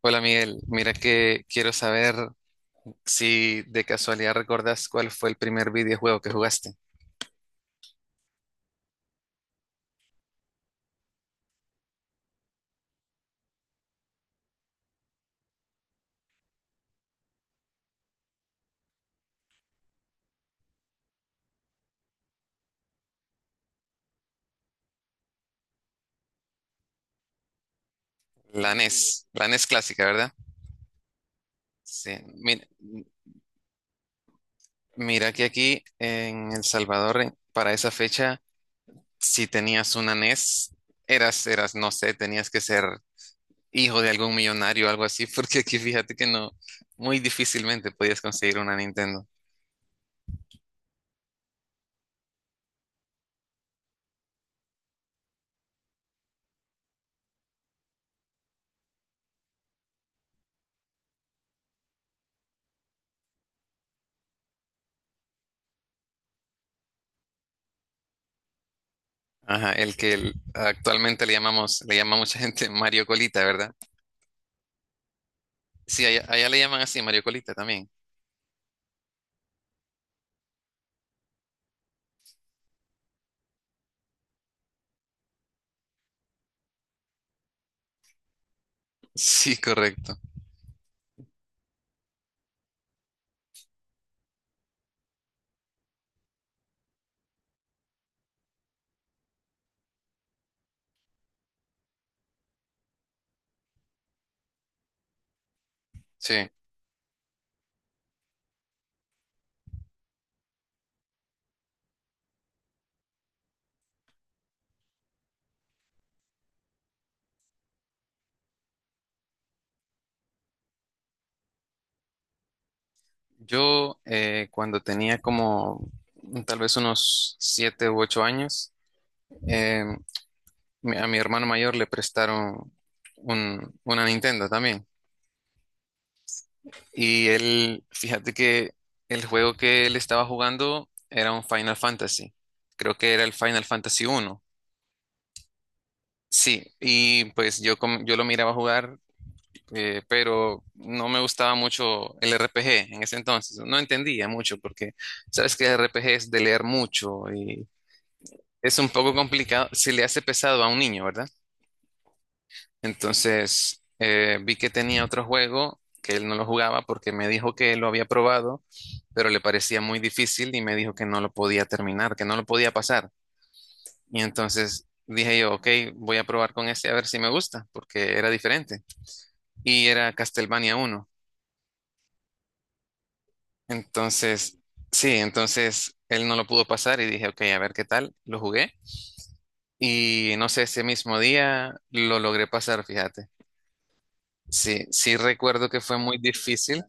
Hola Miguel, mira que quiero saber si de casualidad recordas cuál fue el primer videojuego que jugaste. La NES, la NES clásica, ¿verdad? Sí, mira, mira que aquí en El Salvador, para esa fecha, si tenías una NES, eras, no sé, tenías que ser hijo de algún millonario o algo así, porque aquí fíjate que no, muy difícilmente podías conseguir una Nintendo. Ajá, el que actualmente le llamamos, le llama mucha gente Mario Colita, ¿verdad? Sí, allá, allá le llaman así, Mario Colita también. Sí, correcto. Sí, yo cuando tenía como tal vez unos siete u ocho años, eh, a mi hermano mayor le prestaron una Nintendo también. Y él, fíjate que el juego que él estaba jugando era un Final Fantasy. Creo que era el Final Fantasy uno. Sí, y pues yo, yo lo miraba jugar pero no me gustaba mucho el RPG en ese entonces. No entendía mucho porque sabes que el RPG es de leer mucho y es un poco complicado, se le hace pesado a un niño, ¿verdad? Entonces vi que tenía otro juego que él no lo jugaba porque me dijo que lo había probado, pero le parecía muy difícil y me dijo que no lo podía terminar, que no lo podía pasar. Y entonces dije yo, ok, voy a probar con este a ver si me gusta, porque era diferente. Y era Castlevania uno. Entonces, sí, entonces él no lo pudo pasar y dije, ok, a ver qué tal, lo jugué. Y no sé, ese mismo día lo logré pasar, fíjate. Sí, sí recuerdo que fue muy difícil,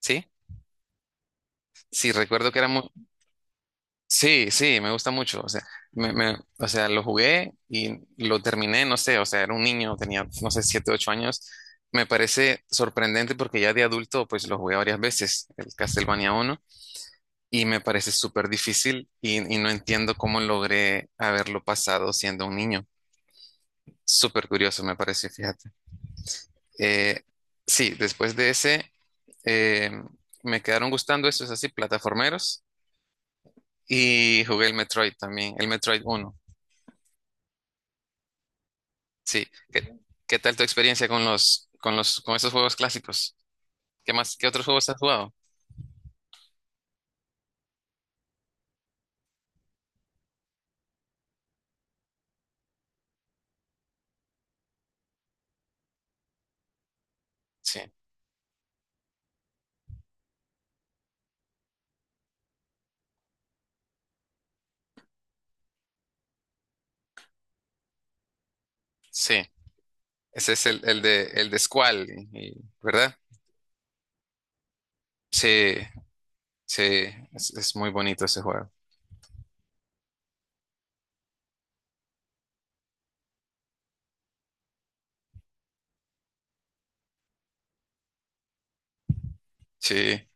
sí, sí recuerdo que era muy... Sí, sí, me gusta mucho, o sea, o sea, lo jugué y lo terminé, no sé, o sea, era un niño, tenía, no sé, siete, ocho años. Me parece sorprendente porque ya de adulto, pues lo jugué varias veces, el Castlevania uno y me parece súper difícil y no entiendo cómo logré haberlo pasado siendo un niño. Súper curioso me pareció, fíjate. Eh, sí, después de ese, eh, me quedaron gustando esos así, plataformeros, y jugué el Metroid también, el Metroid uno. Sí, ¿qué, qué tal tu experiencia con los, con los, con esos juegos clásicos? ¿Qué más, qué otros juegos has jugado? Sí, sí, ese es el de Squall, ¿verdad? Sí, sí, es muy bonito ese juego. Sí.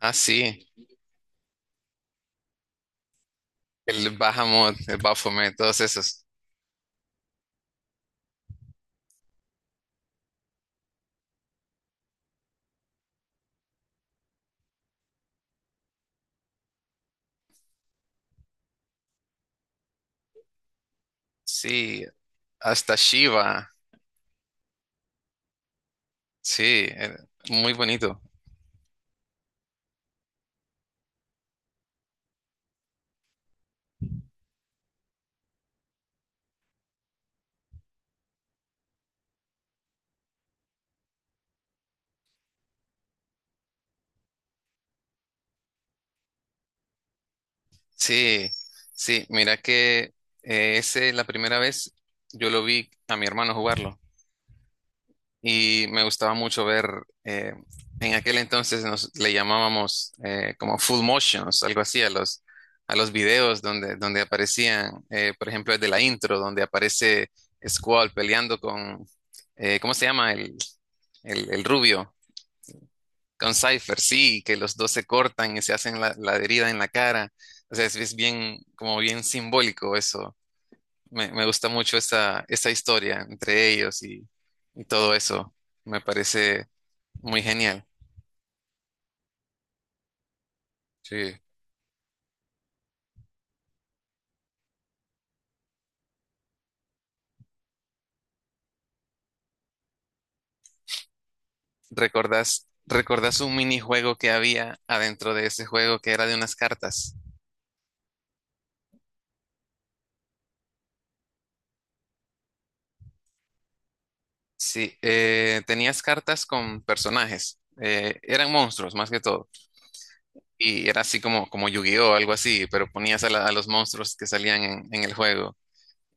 Ah, sí, el Bahamut, el Baphomet, todos esos. Sí, hasta Shiva. Sí, muy bonito. Sí, sí, mira que ese la primera vez yo lo vi a mi hermano jugarlo. Y me gustaba mucho ver, eh, en aquel entonces nos le llamábamos como full motions, algo así, a los videos donde, donde aparecían, por ejemplo, desde la intro, donde aparece Squall peleando con, ¿cómo se llama? El rubio, con Cypher, sí, que los dos se cortan y se hacen la, la herida en la cara. O sea, es bien, como bien simbólico eso. Me gusta mucho esa, esa historia entre ellos y todo eso. Me parece muy genial. Sí. ¿Recordás, recordás un minijuego que había adentro de ese juego que era de unas cartas? Sí, tenías cartas con personajes. Eh, eran monstruos más que todo. Y era así como, como Yu-Gi-Oh, algo así, pero ponías a, a los monstruos que salían en el juego.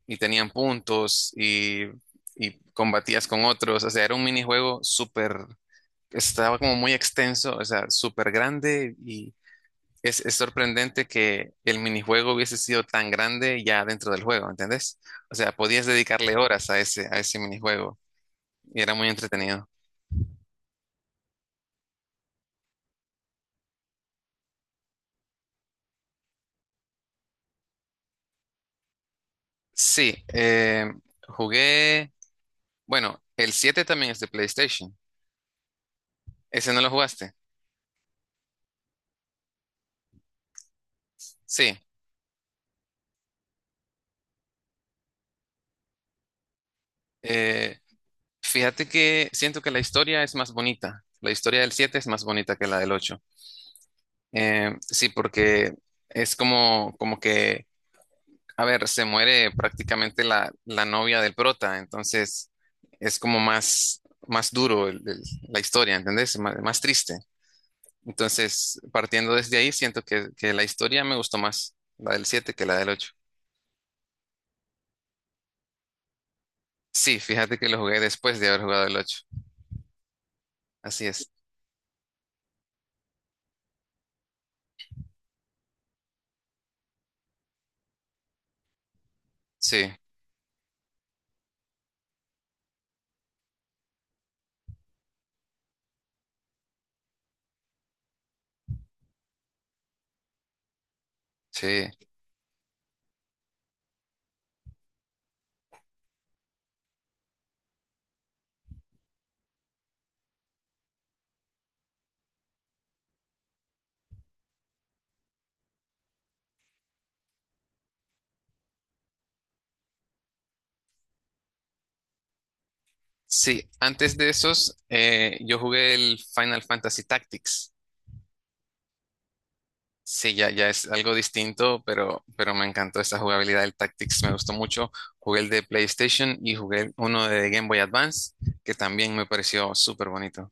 Y tenían puntos y combatías con otros. O sea, era un minijuego súper, estaba como muy extenso, o sea, súper grande. Es sorprendente que el minijuego hubiese sido tan grande ya dentro del juego, ¿entendés? O sea, podías dedicarle horas a ese minijuego y era muy entretenido. Sí, jugué, bueno, el 7 también es de PlayStation. ¿Ese no lo jugaste? Sí. Eh, fíjate que siento que la historia es más bonita. La historia del 7 es más bonita que la del ocho. Sí, porque es como, como que a ver, se muere prácticamente la, la novia del prota, entonces es como más, más duro la historia, ¿entendés? Más, más triste. Entonces, partiendo desde ahí, siento que la historia me gustó más, la del 7 que la del ocho. Sí, fíjate que lo jugué después de haber jugado el 8. Así es. Sí, sí. Sí, antes de esos, yo jugué el Final Fantasy Tactics. Sí, ya, ya es algo distinto, pero me encantó esta jugabilidad del Tactics, me gustó mucho. Jugué el de PlayStation y jugué uno de Game Boy Advance, que también me pareció súper bonito.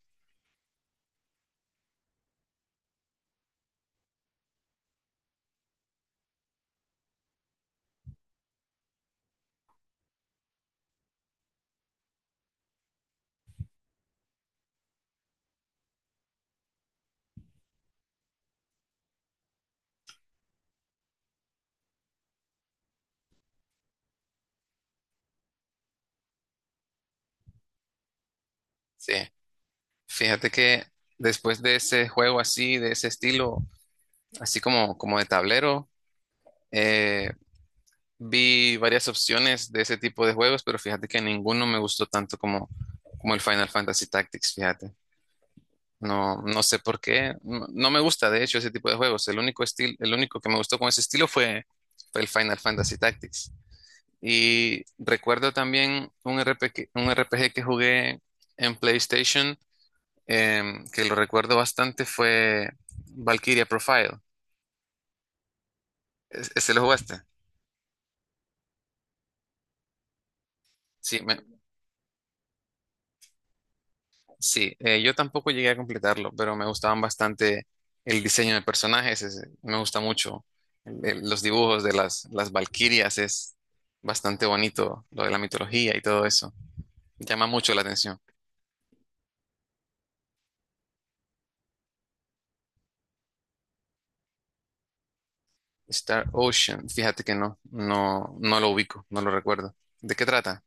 Sí, fíjate que después de ese juego así, de ese estilo, así como, como de tablero, eh, vi varias opciones de ese tipo de juegos, pero fíjate que ninguno me gustó tanto como, como el Final Fantasy Tactics, fíjate. No, no sé por qué. No, no me gusta, de hecho, ese tipo de juegos. El único estilo, el único que me gustó con ese estilo fue, fue el Final Fantasy Tactics. Y recuerdo también un RPG, un RPG que jugué en PlayStation, que lo recuerdo bastante, fue Valkyria Profile. ¿Ese lo jugaste? Sí, me, sí, yo tampoco llegué a completarlo, pero me gustaban bastante el diseño de personajes, me gusta mucho los dibujos de las valquirias, es bastante bonito lo de la mitología y todo eso, llama mucho la atención. Star Ocean, fíjate que no, no, no lo ubico, no lo recuerdo. ¿De qué trata?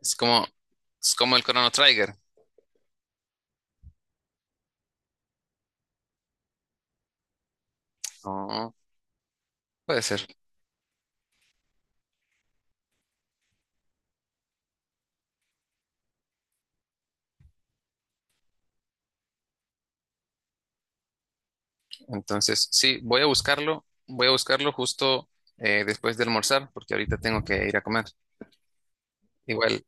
Es como, es como el Chrono Trigger. No, puede ser. Entonces, sí, voy a buscarlo justo después de almorzar, porque ahorita tengo que ir a comer. Igual.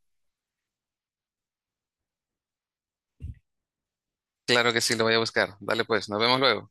Claro que sí, lo voy a buscar. Dale pues, nos vemos luego.